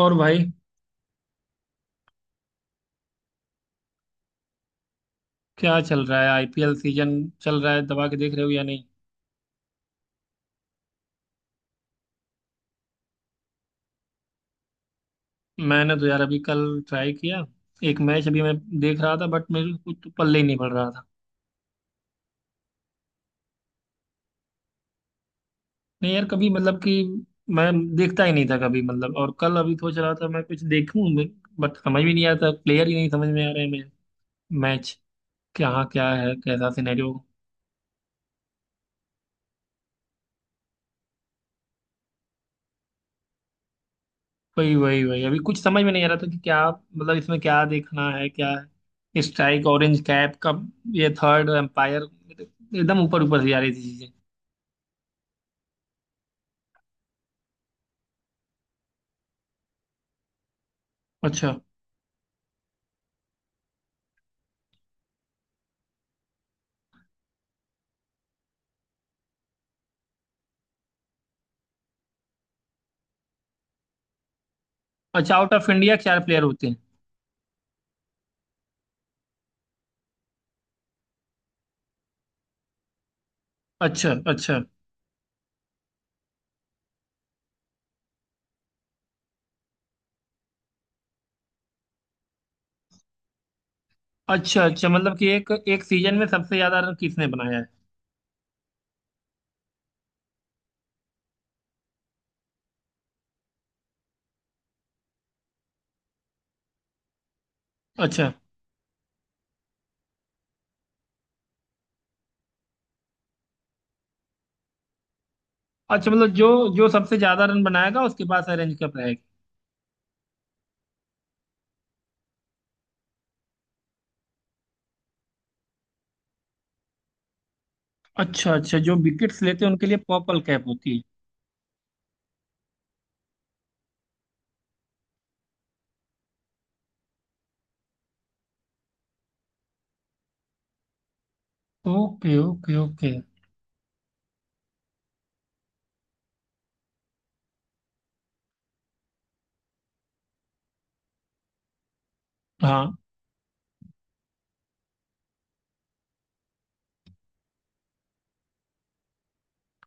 और भाई, क्या चल रहा है? आईपीएल सीजन चल रहा है? दबा के देख रहे हो या नहीं? मैंने तो यार अभी कल ट्राई किया। एक मैच अभी मैं देख रहा था, बट मेरे को कुछ पल्ले ही नहीं पड़ रहा था। नहीं यार, कभी मतलब कि मैं देखता ही नहीं था कभी, मतलब। और कल अभी सोच रहा था मैं कुछ देखूं, बट समझ भी नहीं आता, प्लेयर ही नहीं समझ में आ रहे हैं मुझे। मैच क्या क्या है, कैसा सिनेरियो। वही वही वही, अभी कुछ समझ में नहीं आ रहा था कि क्या मतलब इसमें क्या देखना है, क्या है स्ट्राइक, ऑरेंज कैप का, ये थर्ड एम्पायर, एकदम ऊपर ऊपर से जा रही थी चीजें। अच्छा। अच्छा आउट ऑफ इंडिया 4 प्लेयर होते हैं? अच्छा अच्छा। अच्छा अच्छा मतलब कि एक एक सीजन में सबसे ज्यादा रन किसने बनाया है। अच्छा अच्छा, मतलब जो जो सबसे ज्यादा रन बनाएगा उसके पास ऑरेंज कैप रहेगी। अच्छा अच्छा, जो विकेट्स लेते हैं उनके लिए पर्पल कैप होती है। Okay okay okay. हाँ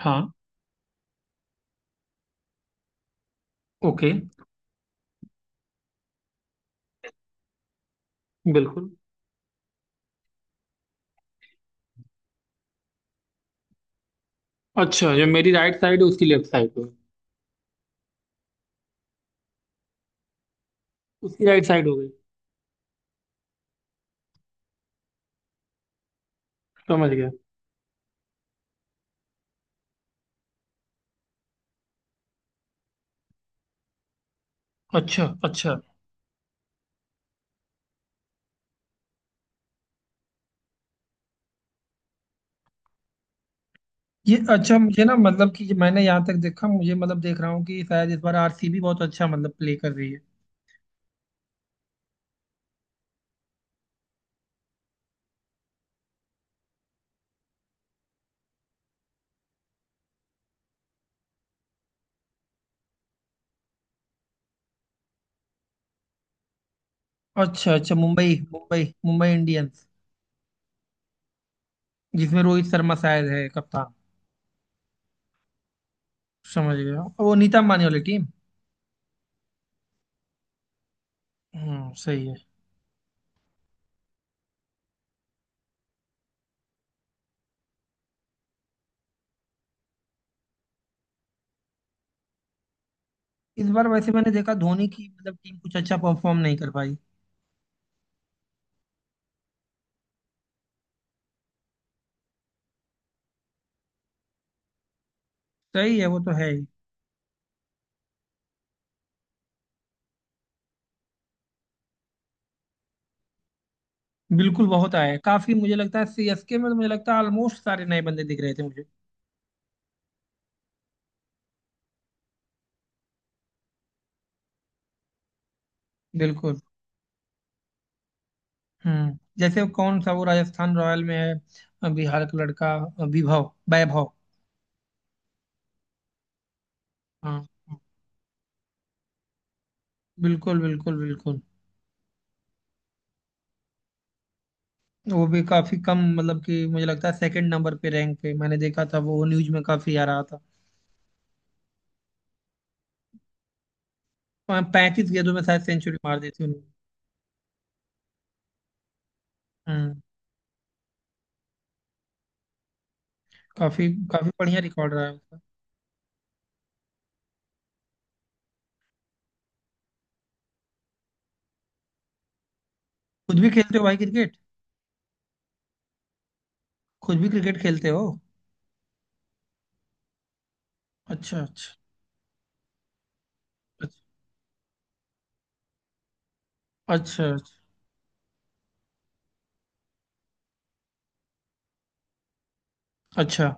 हाँ। ओके। बिल्कुल। अच्छा, जो मेरी राइट साइड है उसकी लेफ्ट साइड हो गई। उसकी राइट साइड हो गई। समझ गया। अच्छा अच्छा। ये अच्छा, मुझे ना मतलब कि ये मैंने यहाँ तक देखा मुझे, मतलब देख रहा हूँ कि शायद इस बार आरसीबी बहुत अच्छा मतलब प्ले कर रही है। अच्छा अच्छा, मुंबई मुंबई मुंबई इंडियंस, जिसमें रोहित शर्मा शायद है कप्तान। समझ गया, वो नीता अंबानी वाली टीम। हम्म, सही है। इस बार वैसे मैंने देखा धोनी की मतलब टीम कुछ अच्छा परफॉर्म नहीं कर पाई। सही है, वो तो है ही। बिल्कुल, बहुत आया है, काफी मुझे लगता है सीएसके में तो मुझे लगता है ऑलमोस्ट सारे नए बंदे दिख रहे थे मुझे। बिल्कुल। हम्म, जैसे कौन सा वो राजस्थान रॉयल में है, बिहार का लड़का, अ, विभव वैभव। हाँ। हाँ, बिल्कुल बिल्कुल बिल्कुल। वो भी काफी कम मतलब कि मुझे लगता है सेकंड नंबर पे, रैंक पे मैंने देखा था, वो न्यूज में काफी आ रहा था। हाँ, 35 गेंदों में शायद सेंचुरी मार दी थी उन्होंने। हम्म। काफी काफी बढ़िया रिकॉर्ड रहा है उसका। खुद भी खेलते हो भाई क्रिकेट? खुद भी क्रिकेट खेलते हो? अच्छा अच्छा। अच्छा अच्छा। अच्छा।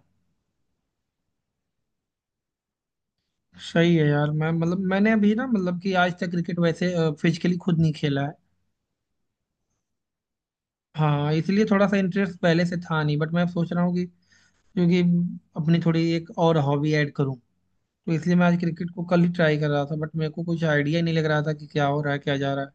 सही है यार, मैं मतलब मैंने अभी ना मतलब कि आज तक क्रिकेट वैसे फिजिकली खुद नहीं खेला है। हाँ, इसलिए थोड़ा सा इंटरेस्ट पहले से था नहीं, बट मैं सोच रहा हूँ कि, क्योंकि अपनी थोड़ी एक और हॉबी ऐड करूँ, तो इसलिए मैं आज क्रिकेट को कल ही ट्राई कर रहा था, बट मेरे को कुछ आइडिया ही नहीं लग रहा था कि क्या हो रहा है क्या जा रहा है।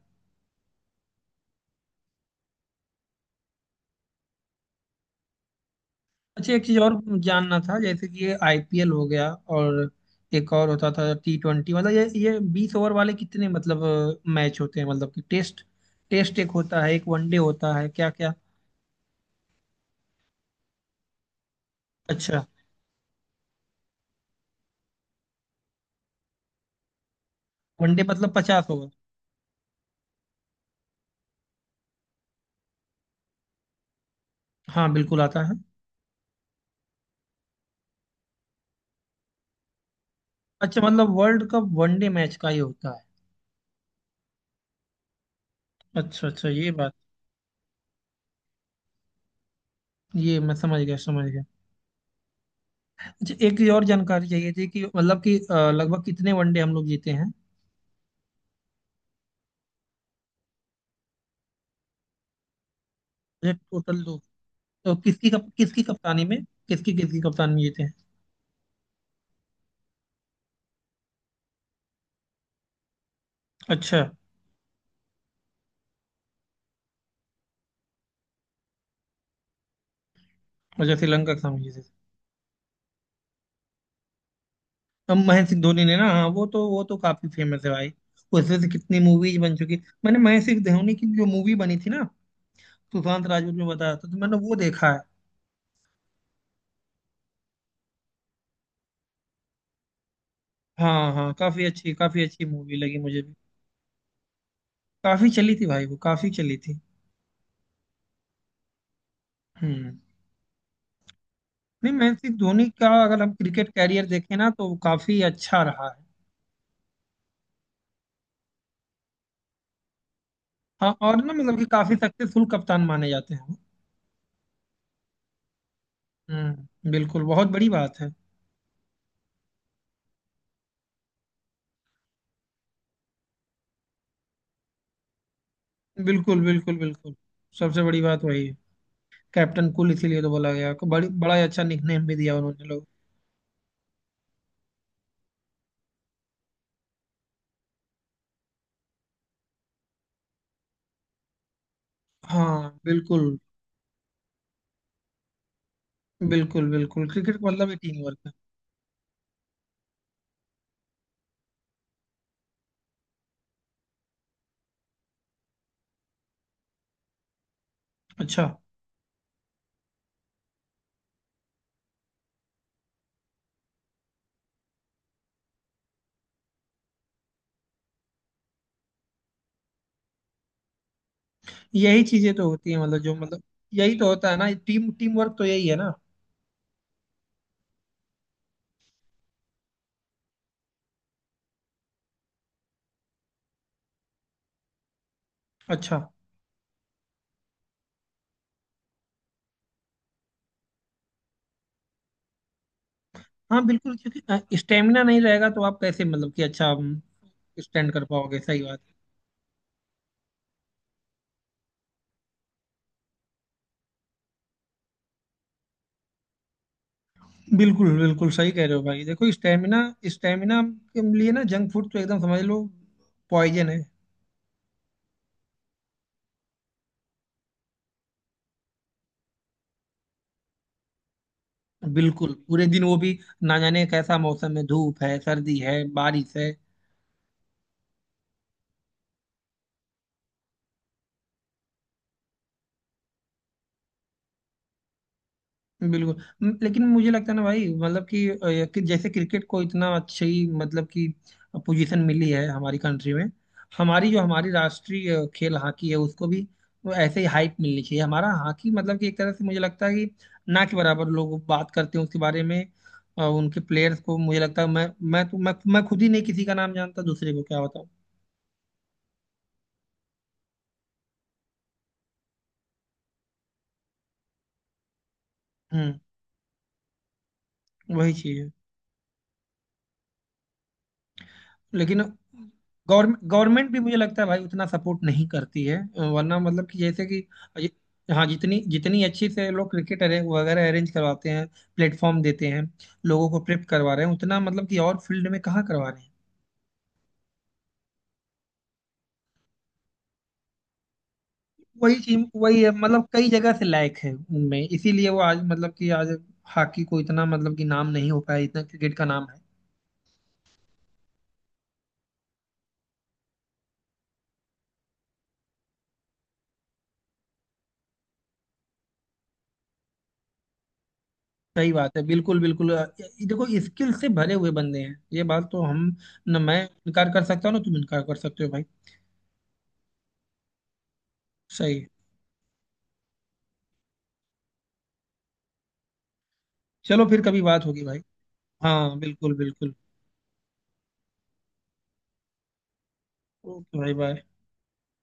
अच्छा, एक चीज़ और जानना था, जैसे कि ये आईपीएल हो गया, और एक और होता था T20। मतलब ये 20 ओवर वाले कितने मतलब मैच होते हैं, मतलब कि टेस्ट टेस्ट एक होता है, एक वनडे होता है, क्या क्या। अच्छा। वनडे मतलब 50 ओवर। हाँ बिल्कुल आता है। अच्छा, मतलब वर्ल्ड कप वनडे मैच का ही होता है? अच्छा अच्छा, ये बात। ये मैं समझ गया, समझ गया। अच्छा, एक ये और जानकारी चाहिए थी कि मतलब कि लगभग कितने वनडे हम लोग जीते हैं? मुझे टोटल दो। तो किसकी किसकी कप्तानी में, किसकी किसकी कप्तानी में जीते हैं? अच्छा। अच्छा, श्रीलंका के सामने जीते थे। अब महेंद्र सिंह धोनी ने ना, हाँ वो तो काफी फेमस है भाई, उसमें से कितनी मूवीज बन चुकी। मैंने महेंद्र सिंह धोनी की जो मूवी बनी थी ना सुशांत राजपूत में बताया था, तो मैंने वो देखा है। हाँ हाँ, काफी अच्छी, काफी अच्छी मूवी लगी मुझे भी। काफी चली थी भाई, वो काफी चली थी। हम्म। नहीं, महेंद्र सिंह धोनी का अगर हम क्रिकेट कैरियर देखें ना, तो वो काफी अच्छा रहा है। हाँ, और ना मतलब कि काफी सक्सेसफुल कप्तान माने जाते हैं वो। हम्म, बिल्कुल बहुत बड़ी बात है। बिल्कुल बिल्कुल बिल्कुल। सबसे बड़ी बात वही है। कैप्टन कूल इसीलिए तो बोला गया, बड़ी, बड़ा ही अच्छा निकनेम भी दिया उन्होंने लोग। हाँ, बिल्कुल बिल्कुल बिल्कुल, क्रिकेट का मतलब ही टीम वर्क है। अच्छा, यही चीजें तो होती है मतलब जो, मतलब यही तो होता है ना, टीम टीम वर्क तो यही है ना। अच्छा। हाँ बिल्कुल, क्योंकि स्टेमिना नहीं रहेगा तो आप कैसे मतलब कि अच्छा स्टैंड कर पाओगे, सही बात है। बिल्कुल बिल्कुल, सही कह रहे हो भाई, देखो स्टेमिना, स्टेमिना के लिए ना जंक फूड तो एकदम समझ लो, पॉइजन है। बिल्कुल, पूरे दिन वो भी ना जाने कैसा मौसम है, धूप है, सर्दी है, बारिश है। बिल्कुल। लेकिन मुझे लगता है ना भाई मतलब कि, कि जैसे क्रिकेट को इतना अच्छी मतलब कि पोजीशन मिली है हमारी कंट्री में, हमारी जो हमारी राष्ट्रीय खेल हॉकी है उसको भी वो ऐसे ही हाइप मिलनी चाहिए। हमारा हॉकी मतलब कि एक तरह से मुझे लगता है कि ना के बराबर लोग बात करते हैं उसके बारे में। उनके प्लेयर्स को मुझे लगता है, मैं तो मैं खुद ही नहीं किसी का नाम जानता, दूसरे को क्या बताऊं। हम्म, वही चीज है। लेकिन गवर्नमेंट गवर्नमेंट भी मुझे लगता है भाई उतना सपोर्ट नहीं करती है, वरना मतलब कि जैसे कि हाँ जितनी जितनी अच्छी से लोग क्रिकेट अरे वगैरह अरेंज करवाते हैं, प्लेटफॉर्म देते हैं, लोगों को प्रेप करवा रहे हैं, उतना मतलब कि और फील्ड में कहाँ करवा रहे हैं। वही टीम वही है, मतलब कई जगह से लायक है उनमें, इसीलिए वो आज मतलब कि आज हॉकी को इतना मतलब कि नाम नहीं हो पाया, इतना क्रिकेट का नाम है। सही बात है बिल्कुल बिल्कुल, ये देखो स्किल से भरे हुए बंदे हैं, ये बात तो हम न, मैं इनकार कर सकता हूँ ना तुम इनकार कर सकते हो भाई। सही। चलो फिर कभी बात होगी भाई। हाँ बिल्कुल बिल्कुल। ओके भाई, बाय।